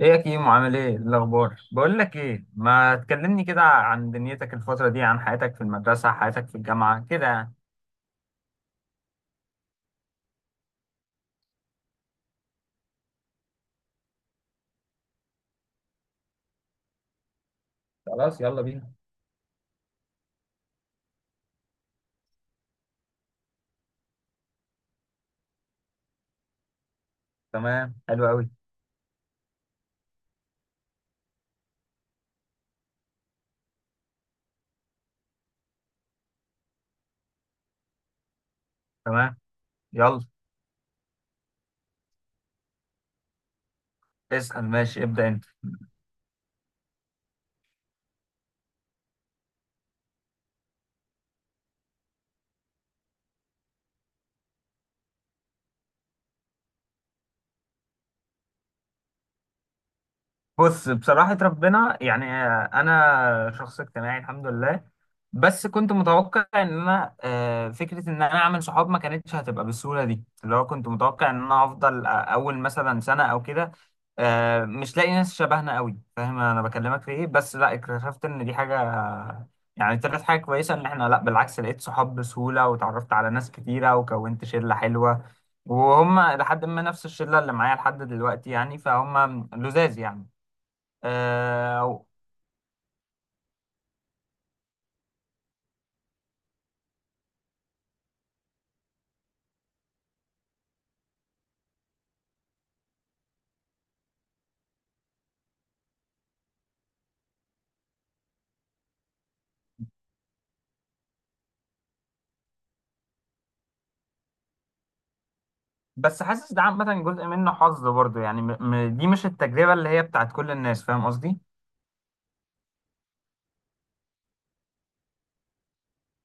ايه يا كيمو، عامل ايه؟ إيه الاخبار؟ بقول لك ايه، ما تكلمني كده عن دنيتك الفتره دي، عن حياتك في المدرسه، حياتك في الجامعه كده يعني. خلاص يلا بينا. تمام، حلو قوي. تمام، يلا. اسال، ماشي، ابدا انت. بص، بصراحة ربنا يعني أنا شخص اجتماعي الحمد لله، بس كنت متوقع إن أنا فكرة إن أنا أعمل صحاب ما كانتش هتبقى بالسهولة دي، اللي هو كنت متوقع إن أنا هفضل أول مثلا سنة أو كده مش لاقي ناس شبهنا قوي، فاهم أنا بكلمك في إيه؟ بس لا، اكتشفت إن دي حاجة يعني طلعت حاجة كويسة، إن إحنا لا بالعكس لقيت صحاب بسهولة وتعرفت على ناس كتيرة وكونت شلة حلوة، وهم لحد ما نفس الشلة اللي معايا لحد دلوقتي يعني، فهم لزاز يعني. آه، بس حاسس ده عامة جزء منه حظ برضه يعني، دي مش التجربة اللي هي بتاعت كل الناس، فاهم قصدي؟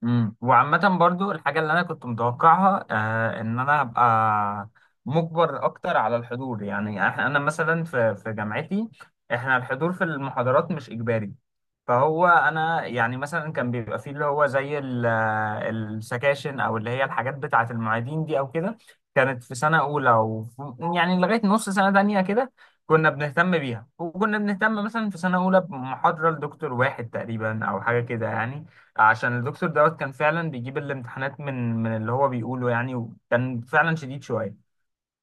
امم، وعامة برضو الحاجة اللي أنا كنت متوقعها آه، إن أنا أبقى مجبر أكتر على الحضور يعني، أنا مثلا في جامعتي إحنا الحضور في المحاضرات مش إجباري. فهو أنا يعني مثلا كان بيبقى فيه اللي هو زي السكاشن أو اللي هي الحاجات بتاعة المعيدين دي أو كده، كانت في سنة أولى أو يعني لغاية نص سنة تانية كده كنا بنهتم بيها، وكنا بنهتم مثلا في سنة أولى بمحاضرة لدكتور واحد تقريبا أو حاجة كده يعني، عشان الدكتور دوت كان فعلا بيجيب الامتحانات من اللي هو بيقوله يعني، وكان فعلا شديد شويه.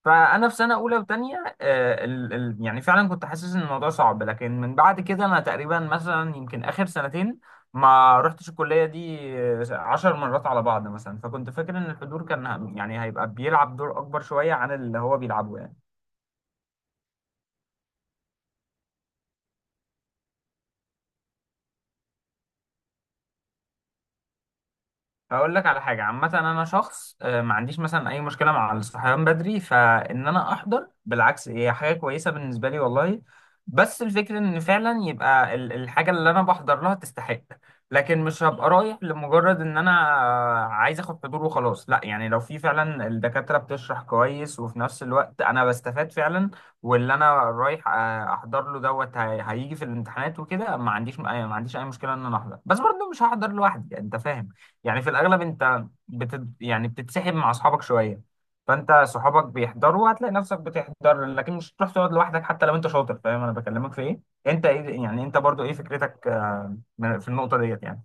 فانا في سنه اولى وثانيه ال يعني فعلا كنت حاسس ان الموضوع صعب، لكن من بعد كده انا تقريبا مثلا يمكن اخر سنتين ما رحتش الكليه دي عشر مرات على بعض مثلا. فكنت فاكر ان الحضور كان يعني هيبقى بيلعب دور اكبر شويه عن اللي هو بيلعبه يعني. هقول لك على حاجة، عامة أنا شخص ما عنديش مثلا أي مشكلة مع الصحيان بدري، فإن أنا أحضر بالعكس هي حاجة كويسة بالنسبة لي والله. بس الفكرة إن فعلا يبقى الحاجة اللي أنا بحضر لها تستحق، لكن مش هبقى رايح لمجرد إن أنا عايز آخد حضور وخلاص. لا يعني لو في فعلا الدكاترة بتشرح كويس وفي نفس الوقت أنا بستفاد فعلا، واللي أنا رايح أحضر له دوت هيجي في الامتحانات وكده، ما عنديش أي مشكلة إن أنا أحضر، بس برضه مش هحضر لوحدي، يعني أنت فاهم. يعني في الاغلب انت يعني بتتسحب مع اصحابك شويه، فانت صحابك بيحضروا هتلاقي نفسك بتحضر، لكن مش هتروح تقعد لوحدك حتى لو انت شاطر، فاهم انا بكلمك في ايه؟ انت ايه يعني، انت برضو ايه فكرتك في النقطه ديت يعني؟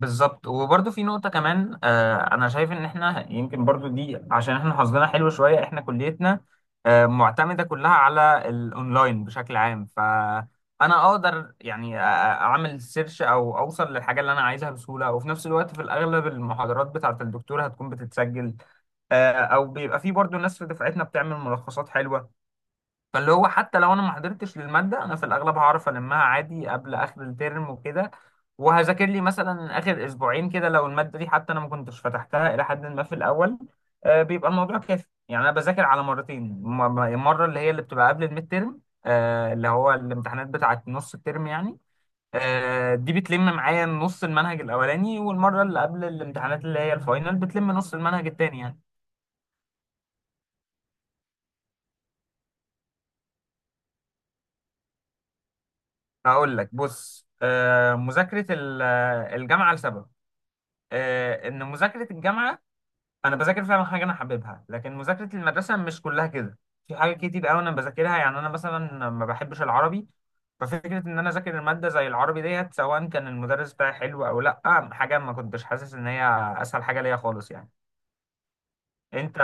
بالظبط. وبرضه في نقطة كمان، آه، أنا شايف إن إحنا يمكن برضه دي عشان إحنا حظنا حلو شوية، إحنا كليتنا آه معتمدة كلها على الأونلاين بشكل عام، فأنا أقدر يعني أعمل سيرش أو أوصل للحاجة اللي أنا عايزها بسهولة، وفي نفس الوقت في الأغلب المحاضرات بتاعة الدكتور هتكون بتتسجل، آه، أو بيبقى في برضه ناس في دفعتنا بتعمل ملخصات حلوة. فاللي هو حتى لو انا ما حضرتش للماده، انا في الاغلب هعرف المها عادي قبل اخر الترم وكده، وهذاكر لي مثلا اخر اسبوعين كده لو الماده دي حتى انا ما كنتش فتحتها الى حد ما في الاول، بيبقى الموضوع كافي يعني. انا بذاكر على مرتين، مره اللي هي اللي بتبقى قبل الميد ترم، اللي هو الامتحانات بتاعه نص الترم يعني، دي بتلم معايا نص المنهج الاولاني، والمره اللي قبل الامتحانات اللي هي الفاينل بتلم نص المنهج التاني يعني. هقول لك بص، آه، مذاكره ال- الجامعه لسبب، ان مذاكره الجامعه انا بذاكر فعلا حاجه انا حاببها، لكن مذاكره المدرسه مش كلها كده. في حاجات كتير قوي انا بذاكرها يعني انا مثلا ما بحبش العربي، ففكره ان انا اذاكر الماده زي العربي ديت سواء كان المدرس بتاعي حلو او لا، حاجه ما كنتش حاسس ان هي اسهل حاجه ليا خالص يعني. انت،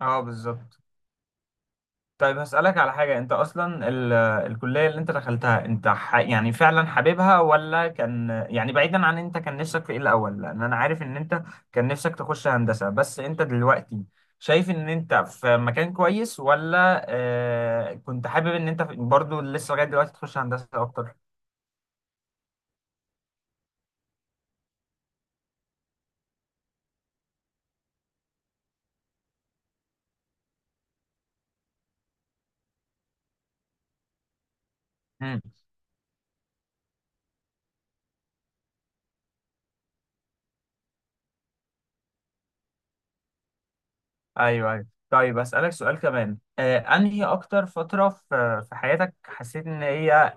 اه بالظبط. طيب هسألك على حاجة، انت اصلا ال... آه، الكلية اللي انت دخلتها انت يعني فعلا حاببها، ولا كان يعني بعيدا عن انت كان نفسك في ايه الاول؟ لان انا عارف ان انت كان نفسك تخش هندسة، بس انت دلوقتي شايف ان انت في مكان كويس ولا آه، كنت حابب ان انت برضو لسه لغاية دلوقتي تخش هندسة اكتر؟ امم. ايوه ايوه، طيب اسألك سؤال كمان، آه، انهي اكتر فترة في حياتك حسيت ان هي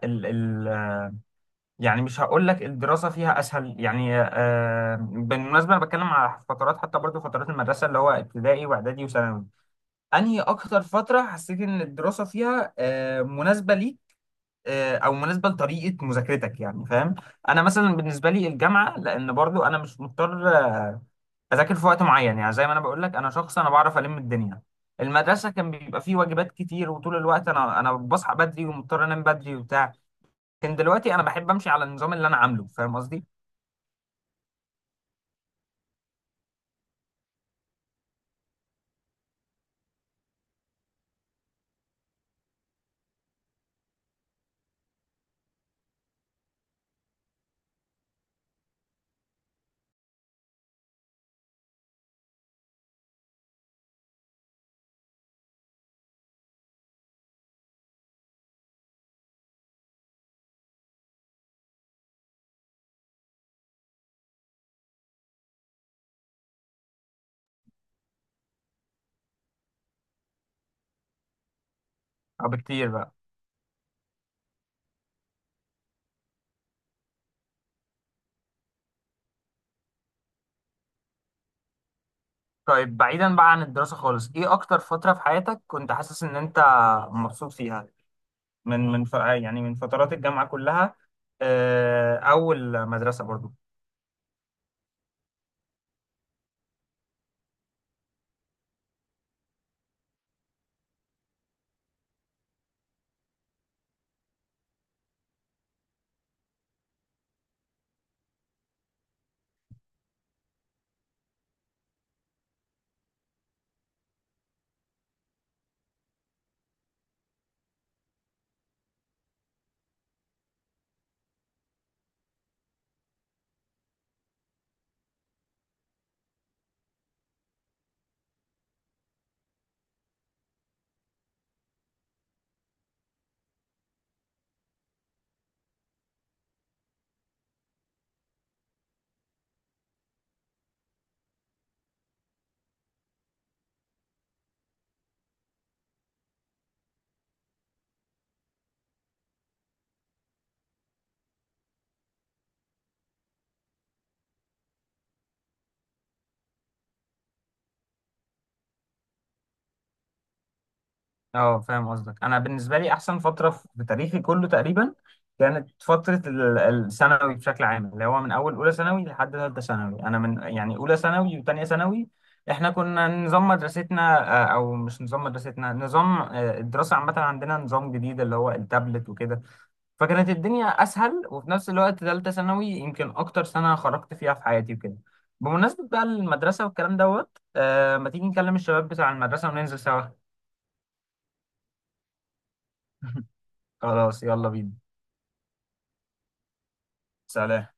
يعني، مش هقول لك الدراسة فيها أسهل يعني، آه، بالمناسبة أنا بتكلم على فترات، حتى برضو فترات المدرسة اللي هو ابتدائي وإعدادي وثانوي، أنهي أكتر فترة حسيت إن الدراسة فيها آه مناسبة ليك، آه، أو مناسبة لطريقة مذاكرتك يعني، فاهم؟ أنا مثلا بالنسبة لي الجامعة، لأن برضو أنا مش مضطر أذاكر في وقت معين، يعني زي ما أنا بقول لك أنا شخص أنا بعرف ألم الدنيا. المدرسة كان بيبقى فيه واجبات كتير وطول الوقت أنا بصحى بدري ومضطر أنام بدري وبتاع، لكن دلوقتي أنا بحب أمشي على النظام اللي أنا عامله، فاهم قصدي؟ اه بكتير بقى. طيب بعيدا بقى عن الدراسة خالص، ايه اكتر فترة في حياتك كنت حاسس ان انت مبسوط فيها، يعني من فترات الجامعة كلها، آه، او المدرسة برضو؟ اه فاهم قصدك. انا بالنسبة لي احسن فترة في تاريخي كله تقريبا كانت فترة الثانوي بشكل عام، اللي هو من اول اولى ثانوي لحد ثالثة ثانوي. انا من يعني اولى ثانوي وثانية ثانوي احنا كنا نظام مدرستنا نظام الدراسة عامة عندنا نظام جديد اللي هو التابلت وكده، فكانت الدنيا اسهل. وفي نفس الوقت ثالثه ثانوي يمكن اكتر سنه خرجت فيها في حياتي وكده. بمناسبه بقى المدرسه والكلام دوت آه، ما تيجي نكلم الشباب بتاع المدرسه وننزل سوا؟ خلاص يلا بينا. سلام.